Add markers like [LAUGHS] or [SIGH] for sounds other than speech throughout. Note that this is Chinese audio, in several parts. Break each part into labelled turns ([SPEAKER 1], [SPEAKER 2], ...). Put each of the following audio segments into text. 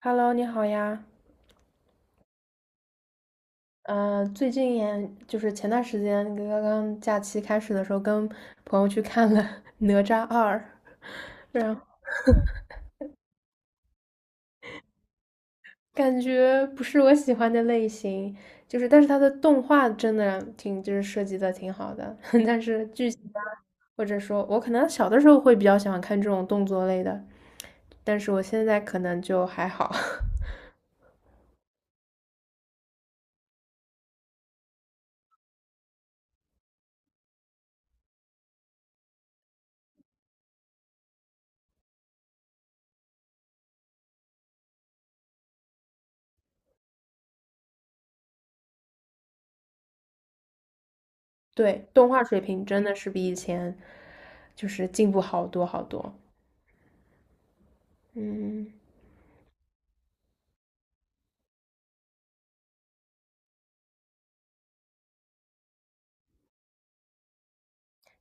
[SPEAKER 1] Hello，你好呀。最近也就是前段时间刚刚假期开始的时候，跟朋友去看了《哪吒二》，然后感觉不是我喜欢的类型，就是但是它的动画真的挺就是设计的挺好的，[LAUGHS] 但是剧情啊，或者说我可能小的时候会比较喜欢看这种动作类的，但是我现在可能就还好。[LAUGHS] 对，动画水平真的是比以前就是进步好多好多。嗯。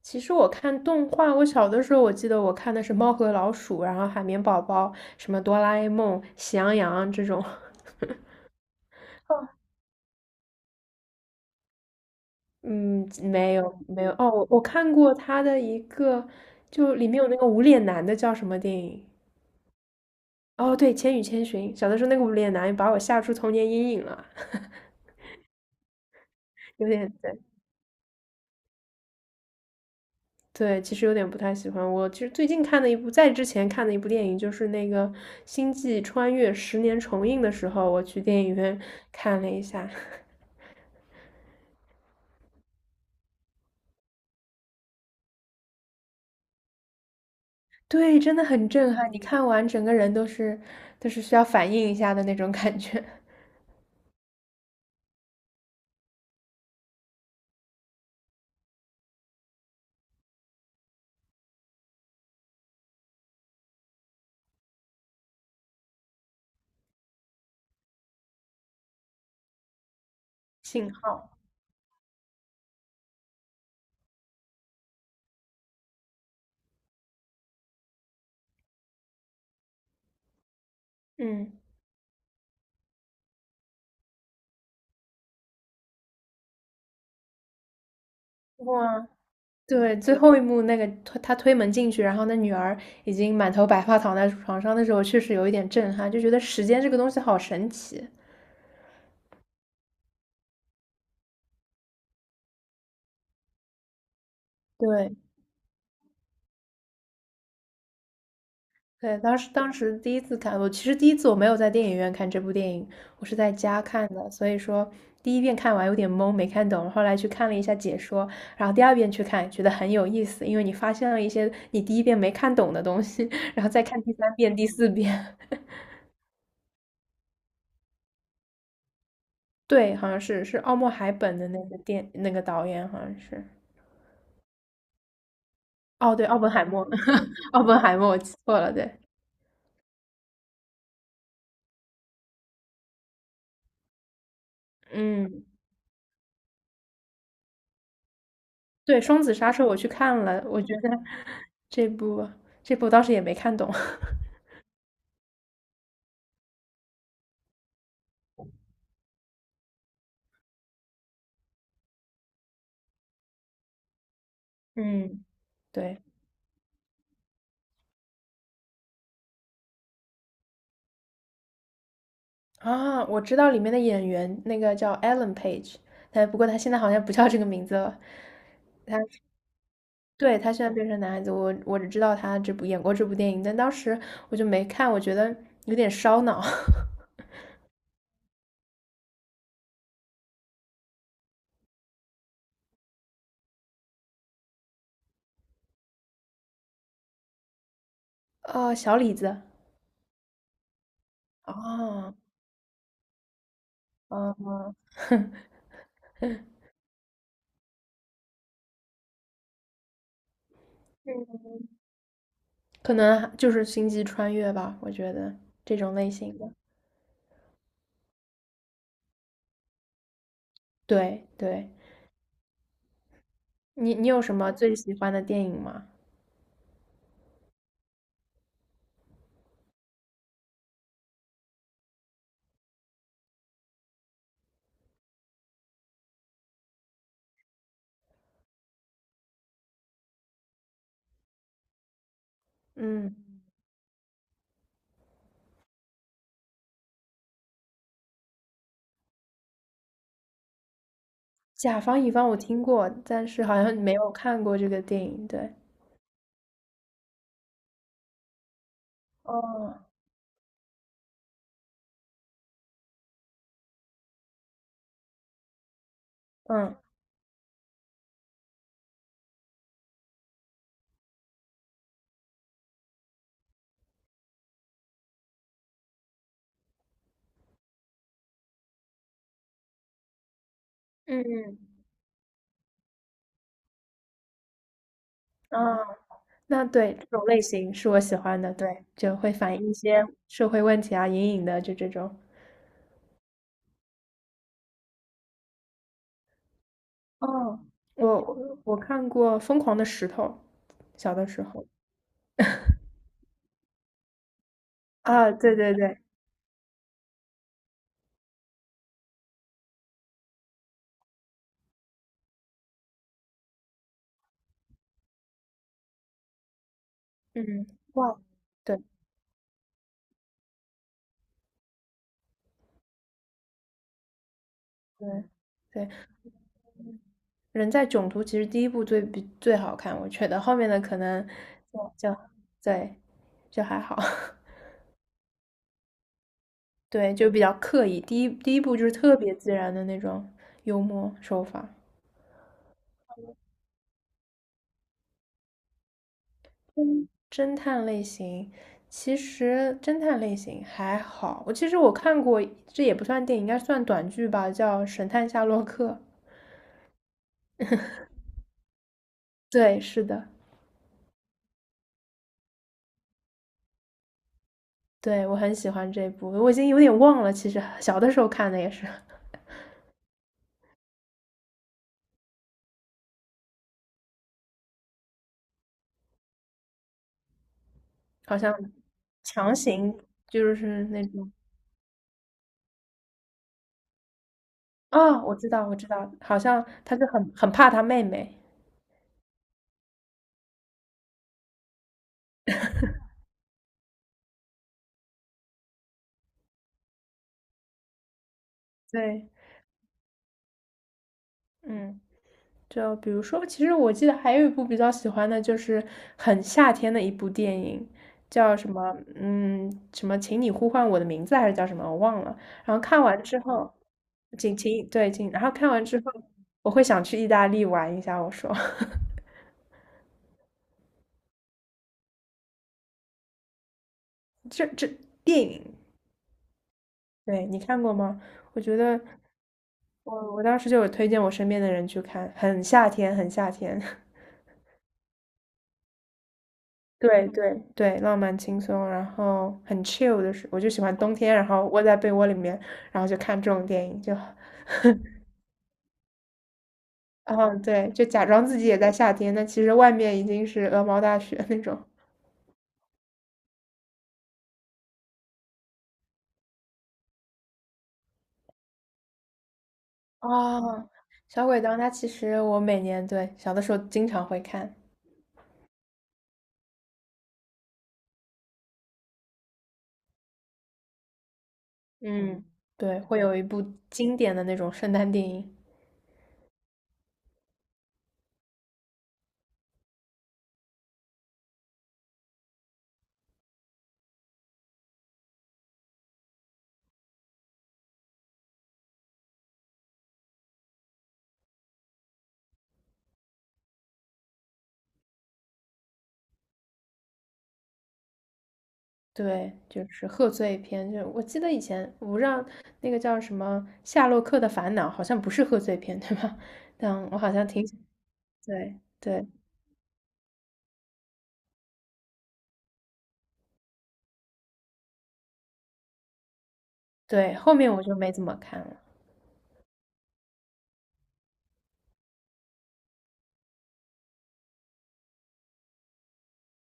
[SPEAKER 1] 其实我看动画，我小的时候我记得我看的是《猫和老鼠》，然后《海绵宝宝》，什么《哆啦 A 梦》、《喜羊羊》这种。哦，[LAUGHS] 嗯，没有哦，我看过他的一个，就里面有那个无脸男的叫什么电影？哦，对，《千与千寻》。小的时候那个无脸男把我吓出童年阴影了，有点对对，其实有点不太喜欢。我其实最近看的一部，在之前看的一部电影就是那个《星际穿越》十年重映的时候，我去电影院看了一下。对，真的很震撼，你看完整个人都是需要反应一下的那种感觉，[LAUGHS] 信号。嗯，哇，对，最后一幕那个推他推门进去，然后那女儿已经满头白发躺在床上的时候，确实有一点震撼，就觉得时间这个东西好神奇。对，对，当时第一次看，我其实第一次我没有在电影院看这部电影，我是在家看的，所以说第一遍看完有点懵，没看懂，后来去看了一下解说，然后第二遍去看，觉得很有意思，因为你发现了一些你第一遍没看懂的东西，[LAUGHS] 然后再看第三遍、第四遍。[LAUGHS] 对，好像是是奥默海本的那个电那个导演，好像是。哦，对，奥本海默，[LAUGHS] 奥本海默，我记错了，对，嗯。对，《双子杀手》我去看了，我觉得这部这部当时也没看懂。[LAUGHS] 嗯，对啊，我知道里面的演员，那个叫 Ellen Page，但不过他现在好像不叫这个名字了。他对他现在变成男孩子，我只知道他这部演过这部电影，但当时我就没看，我觉得有点烧脑。[LAUGHS] 哦，小李子，哦，嗯，[LAUGHS] 可能就是星际穿越吧，我觉得这种类型的。对对，你有什么最喜欢的电影吗？嗯，甲方乙方我听过，但是好像没有看过这个电影。对，哦，嗯嗯嗯，啊，那对这种类型是我喜欢的，对，就会反映一些社会问题啊，隐隐的就这种。哦，我我看过《疯狂的石头》，小的时候啊，对对对，嗯，哇，对对。对，人在囧途其实第一部最比最好看，我觉得后面的可能就对就还好，[LAUGHS] 对就比较刻意。第一部就是特别自然的那种幽默手法。嗯，侦探类型其实侦探类型还好，我其实看过，这也不算电影，应该算短剧吧，叫《神探夏洛克》。对，是的，对我很喜欢这部，我已经有点忘了，其实小的时候看的也是。好像强行就是那种啊，我知道，我知道，好像他就很怕他妹妹。对，嗯，就比如说，其实我记得还有一部比较喜欢的，就是很夏天的一部电影，叫什么？嗯，什么？请你呼唤我的名字还是叫什么？我忘了。然后看完之后，请请对请，然后看完之后，我会想去意大利玩一下。我说，[LAUGHS] 这这电影，对你看过吗？我觉得。我当时就有推荐我身边的人去看，很夏天，很夏天。[LAUGHS] 对对对，浪漫轻松，然后很 chill 的是，我就喜欢冬天，然后窝在被窝里面，然后就看这种电影，就，嗯，对，就假装自己也在夏天，但其实外面已经是鹅毛大雪那种。哦，小鬼当家其实我每年对小的时候经常会看，嗯，对，会有一部经典的那种圣诞电影。对，就是贺岁片。就我记得以前，我不知道那个叫什么《夏洛克的烦恼》，好像不是贺岁片，对吧？[LAUGHS] 但我好像挺喜对对对，后面我就没怎么看了，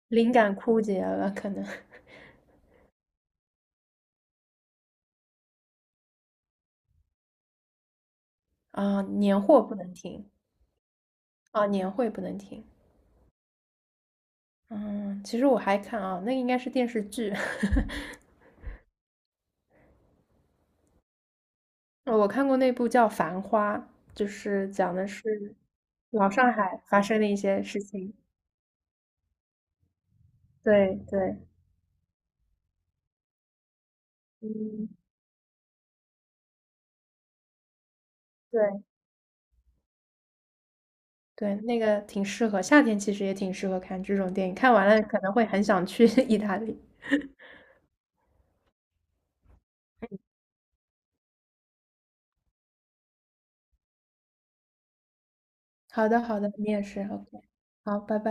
[SPEAKER 1] 灵感枯竭了，可能 [LAUGHS] 啊，年货不能停啊，年会不能停。嗯，其实我还看啊，那应该是电视剧，[LAUGHS] 我看过那部叫《繁花》，就是讲的是老上海发生的一些事情。对对，嗯，对。对，那个挺适合，夏天其实也挺适合看这种电影，看完了可能会很想去 [LAUGHS] 意大利。好的，好的，你也是，OK，好，拜拜。